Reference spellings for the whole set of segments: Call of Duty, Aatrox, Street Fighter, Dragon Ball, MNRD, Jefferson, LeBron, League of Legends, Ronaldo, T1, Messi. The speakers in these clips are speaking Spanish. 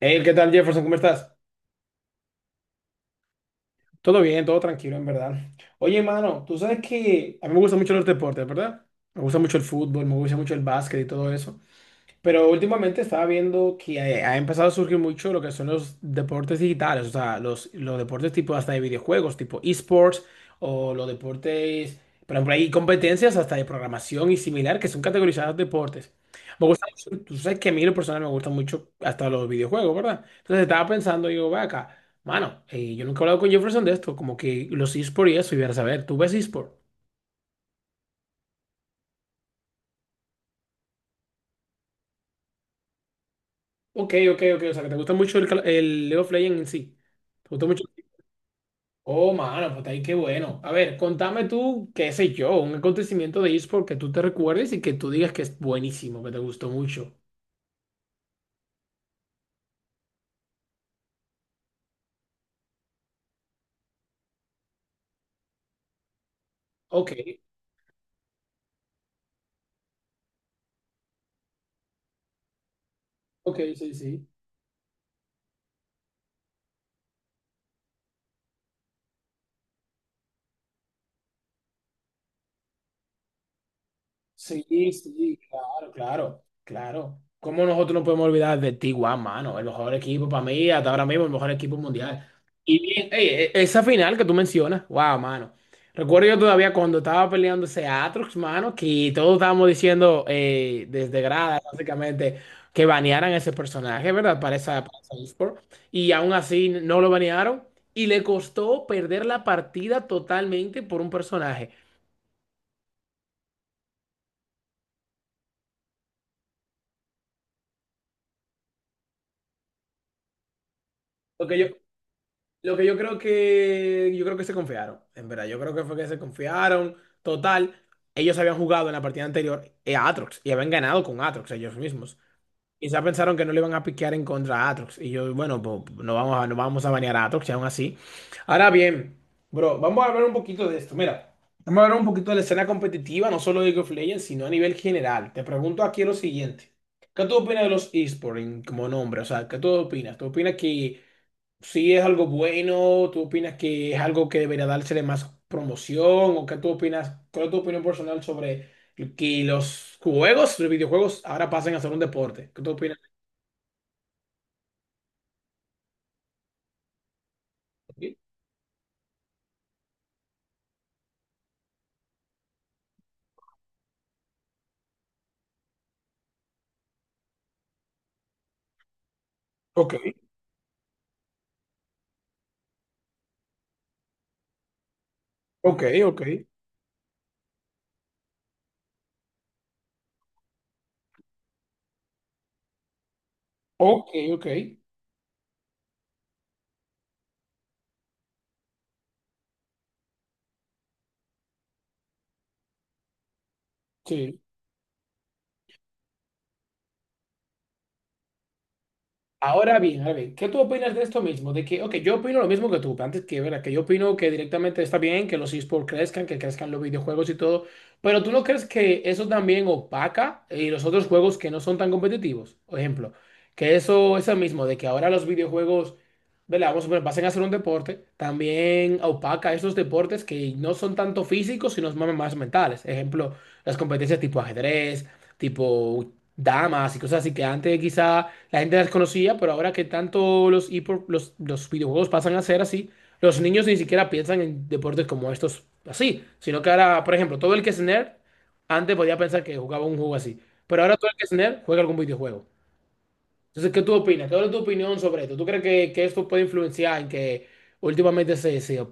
Hey, ¿qué tal, Jefferson? ¿Cómo estás? Todo bien, todo tranquilo, en verdad. Oye, mano, tú sabes que a mí me gusta mucho los deportes, ¿verdad? Me gusta mucho el fútbol, me gusta mucho el básquet y todo eso. Pero últimamente estaba viendo que ha empezado a surgir mucho lo que son los deportes digitales, o sea, los deportes tipo hasta de videojuegos, tipo esports, o los deportes, por ejemplo, hay competencias hasta de programación y similar que son categorizadas deportes. Me gusta mucho, tú sabes que a mí lo personal me gustan mucho hasta los videojuegos, ¿verdad? Entonces estaba pensando, digo, ve acá, mano, yo nunca he hablado con Jefferson de esto, como que los esports y eso, y ver, a saber, ¿tú ves esports? Ok, ok, ok, o sea, que te gusta mucho el, el League of Legends en sí. ¿Te gusta mucho? Oh, mano, pues ahí qué bueno. A ver, contame tú, qué sé yo, un acontecimiento de eSport que tú te recuerdes y que tú digas que es buenísimo, que te gustó mucho. Ok, ok, sí, sí. Sí, sí, claro, claro, claro. ¿Cómo nosotros no podemos olvidar de T1, mano? El mejor equipo para mí, hasta ahora mismo, el mejor equipo mundial. Y bien, ey, esa final que tú mencionas, wow, mano. Recuerdo yo todavía cuando estaba peleando ese Atrox, mano, que todos estábamos diciendo desde grada, básicamente, que banearan ese personaje, ¿verdad? Para esa eSport. Y aún así no lo banearon y le costó perder la partida totalmente por un personaje. Porque yo Lo que yo creo que yo creo que se confiaron, en verdad. Yo creo que fue que se confiaron. Total, ellos habían jugado en la partida anterior a Atrox y habían ganado con Atrox ellos mismos. Quizá pensaron que no le iban a piquear en contra a Aatrox. Y yo, bueno, pues no vamos a banear a Atrox y aún así. Ahora bien, bro, vamos a hablar un poquito de esto. Mira, vamos a hablar un poquito de la escena competitiva, no solo de League of Legends, sino a nivel general. Te pregunto aquí lo siguiente. ¿Qué tú opinas de los esports como nombre? O sea, ¿qué tú opinas? ¿Tú opinas que si es algo bueno, tú opinas que es algo que debería dársele más promoción o qué tú opinas, cuál es tu opinión personal sobre que los juegos, los videojuegos ahora pasen a ser un deporte? ¿Qué tú opinas? Ok, ok, ok, ok, ok, sí. Ahora bien, ¿qué tú opinas de esto mismo? De que, ok, yo opino lo mismo que tú, antes que, ¿verdad? Que yo opino que directamente está bien que los esports crezcan, que crezcan los videojuegos y todo, pero ¿tú no crees que eso también opaca y los otros juegos que no son tan competitivos? Por ejemplo, que eso mismo, de que ahora los videojuegos, ¿verdad? Vamos a poner, pasen a ser un deporte, también opaca esos deportes que no son tanto físicos, sino más, más mentales. Ejemplo, las competencias tipo ajedrez tipo damas y cosas así que antes quizá la gente las conocía, pero ahora que tanto los, los videojuegos pasan a ser así, los niños ni siquiera piensan en deportes como estos así, sino que ahora, por ejemplo, todo el que es nerd antes podía pensar que jugaba un juego así, pero ahora todo el que es nerd juega algún videojuego. Entonces, ¿qué tú opinas? ¿Cuál es tu opinión sobre esto? ¿Tú crees que, esto puede influenciar en que últimamente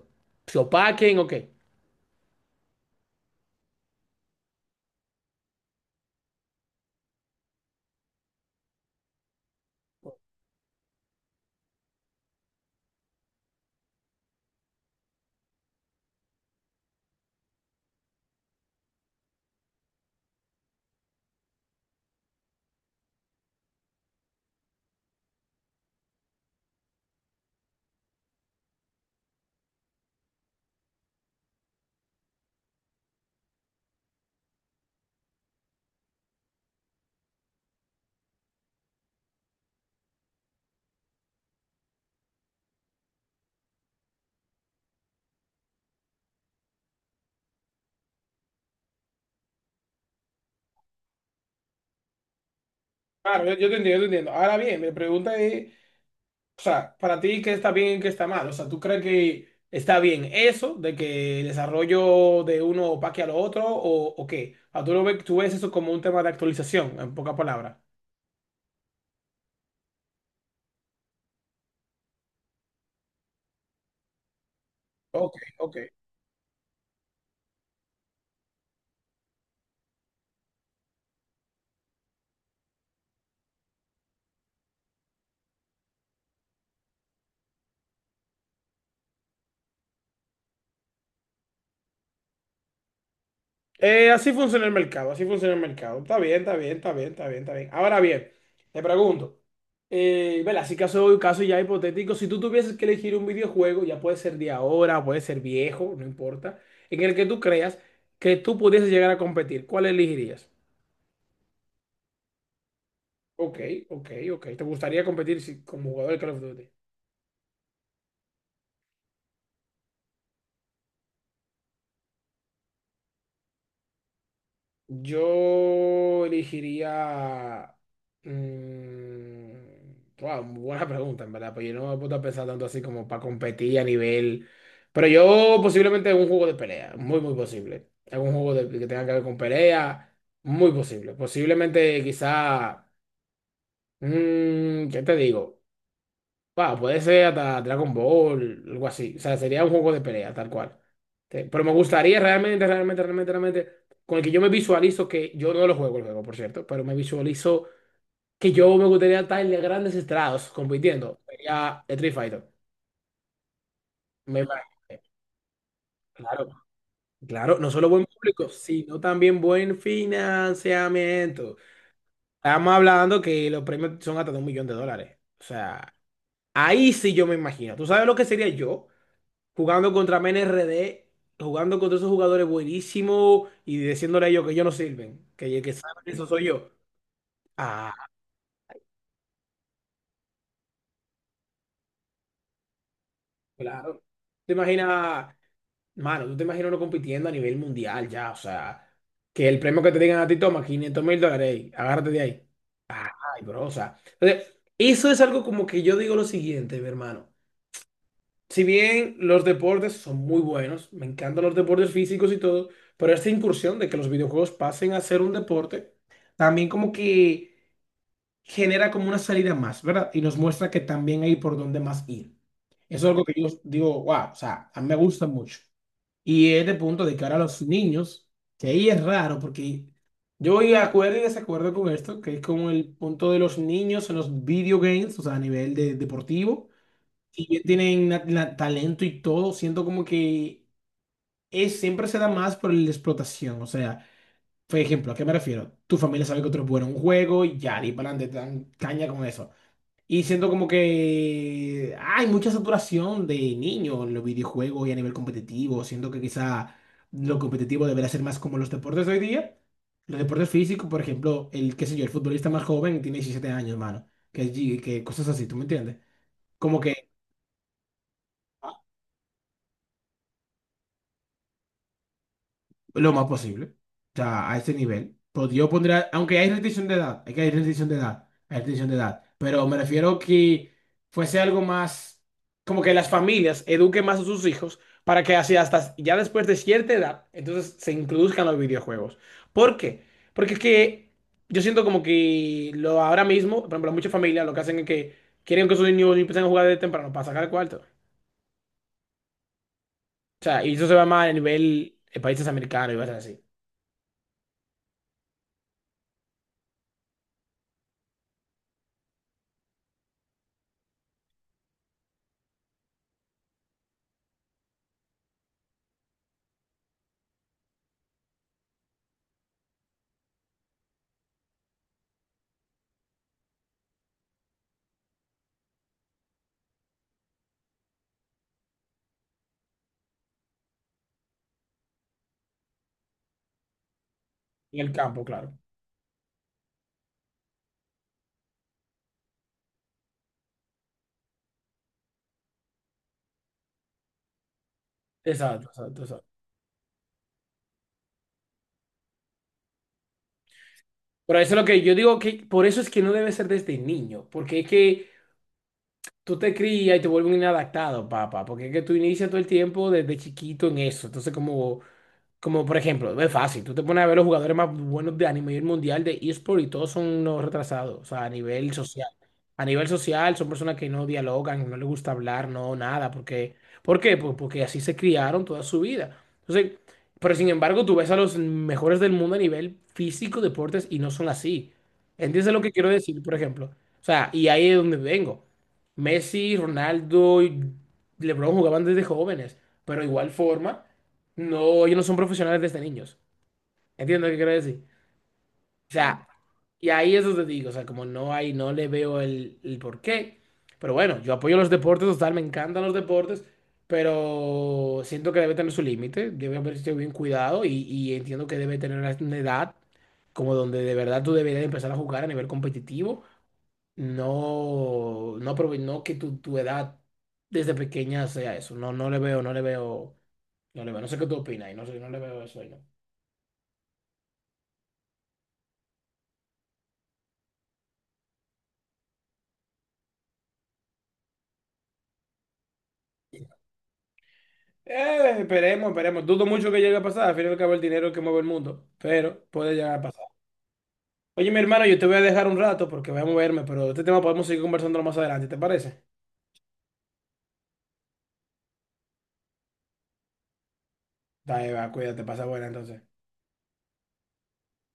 se opaquen o qué? Claro, yo te entiendo, yo te entiendo. Ahora bien, mi pregunta es, o sea, para ti, ¿qué está bien y qué está mal? O sea, ¿tú crees que está bien eso de que el desarrollo de uno opaque al otro o qué? O sea, tú lo ves, tú ves eso como un tema de actualización, en pocas palabras. Ok, ok. Así funciona el mercado, así funciona el mercado. Está bien, está bien, está bien, está bien, está bien. Ahora bien, te pregunto, vela, así caso, caso ya hipotético, si tú tuvieses que elegir un videojuego, ya puede ser de ahora, puede ser viejo, no importa, en el que tú creas que tú pudieses llegar a competir, ¿cuál elegirías? Ok, ok, ok. ¿Te gustaría competir como jugador de Call of Duty? Yo elegiría... wow, buena pregunta, en verdad, pero yo no me he puesto a pensar tanto así como para competir a nivel... Pero yo posiblemente un juego de pelea, muy, muy posible. Algún que tenga que ver con pelea, muy posible. Posiblemente quizá... ¿qué te digo? Wow, puede ser hasta Dragon Ball, algo así. O sea, sería un juego de pelea, tal cual. Sí, pero me gustaría realmente, realmente, realmente, realmente, con el que yo me visualizo que yo no lo juego el juego, por cierto, pero me visualizo que yo me gustaría estar en grandes estrados compitiendo. Sería Street Fighter. Me imagino. Claro, claro, no solo buen público, sino también buen financiamiento. Estamos hablando que los premios son hasta de $1,000,000. O sea, ahí sí yo me imagino. ¿Tú sabes lo que sería yo? Jugando contra MNRD, jugando contra esos jugadores buenísimos y diciéndole a ellos que ellos no sirven, que el que saben eso soy yo. Ah, claro. ¿Te imaginas, mano, tú te imaginas uno compitiendo a nivel mundial ya? O sea, que el premio que te digan a ti toma $500,000, ey, agárrate de ahí. Ay, bro, o sea. Entonces, eso es algo como que yo digo lo siguiente, mi hermano. Si bien los deportes son muy buenos, me encantan los deportes físicos y todo, pero esta incursión de que los videojuegos pasen a ser un deporte, también como que genera como una salida más, ¿verdad? Y nos muestra que también hay por dónde más ir. Eso es algo que yo digo, wow, o sea, a mí me gusta mucho. Y es de punto de que ahora los niños, que ahí es raro, porque yo voy a acuerdo y desacuerdo con esto, que es como el punto de los niños en los video games, o sea, a nivel de deportivo si bien tienen talento y todo, siento como que es, siempre se da más por la explotación. O sea, por ejemplo, ¿a qué me refiero? Tu familia sabe que otro es bueno en un juego y ya, y para adelante, te dan caña con eso. Y siento como que hay mucha saturación de niños en los videojuegos y a nivel competitivo. Siento que quizá lo competitivo debería ser más como los deportes de hoy día. Los deportes físicos, por ejemplo, el, qué sé yo, el futbolista más joven tiene 17 años, hermano. Que, que cosas así, ¿tú me entiendes? Como que lo más posible. O sea, a ese nivel. Pues yo pondría, aunque hay restricción de edad, hay restricción de edad, hay restricción de edad. Pero me refiero que fuese algo más, como que las familias eduquen más a sus hijos para que así hasta ya después de cierta edad, entonces se introduzcan los videojuegos. ¿Por qué? Porque es que yo siento como que lo ahora mismo, por ejemplo, muchas familias lo que hacen es que quieren que sus niños empiecen a jugar de temprano para sacar el cuarto. O sea, y eso se va más a nivel de países americanos y cosas así. En el campo, claro. Exacto, exacto, exacto. Por eso es lo que yo digo que por eso es que no debe ser desde niño, porque es que tú te crías y te vuelves un inadaptado, papá, porque es que tú inicias todo el tiempo desde chiquito en eso. Entonces, como Como por ejemplo, es fácil, tú te pones a ver los jugadores más buenos de anime y el mundial de eSport y todos son unos retrasados, o sea, a nivel social. A nivel social son personas que no dialogan, no les gusta hablar, no, nada, porque, ¿por qué? Pues porque así se criaron toda su vida. Entonces, pero sin embargo, tú ves a los mejores del mundo a nivel físico, deportes, y no son así. ¿Entiendes lo que quiero decir, por ejemplo? O sea, y ahí es donde vengo. Messi, Ronaldo y LeBron jugaban desde jóvenes, pero de igual forma. No, ellos no son profesionales desde niños. ¿Entiendes lo que quiero decir? O Mm. sea, y ahí eso te digo, o sea, como no hay, no le veo el porqué. Pero bueno, yo apoyo los deportes, total, me encantan los deportes, pero siento que debe tener su límite, debe haber sido bien cuidado y entiendo que debe tener una edad como donde de verdad tú deberías empezar a jugar a nivel competitivo, no, no, no que tu edad desde pequeña sea eso. No, no le veo, no le veo, no le veo. No sé qué tú opinas y no sé, no le veo eso ahí, ¿no? Esperemos, esperemos. Dudo mucho que llegue a pasar. Al fin y al cabo, el dinero es el que mueve el mundo. Pero puede llegar a pasar. Oye, mi hermano, yo te voy a dejar un rato porque voy a moverme, pero de este tema podemos seguir conversando más adelante, ¿te parece? Dale, va, cuídate, pasa buena entonces.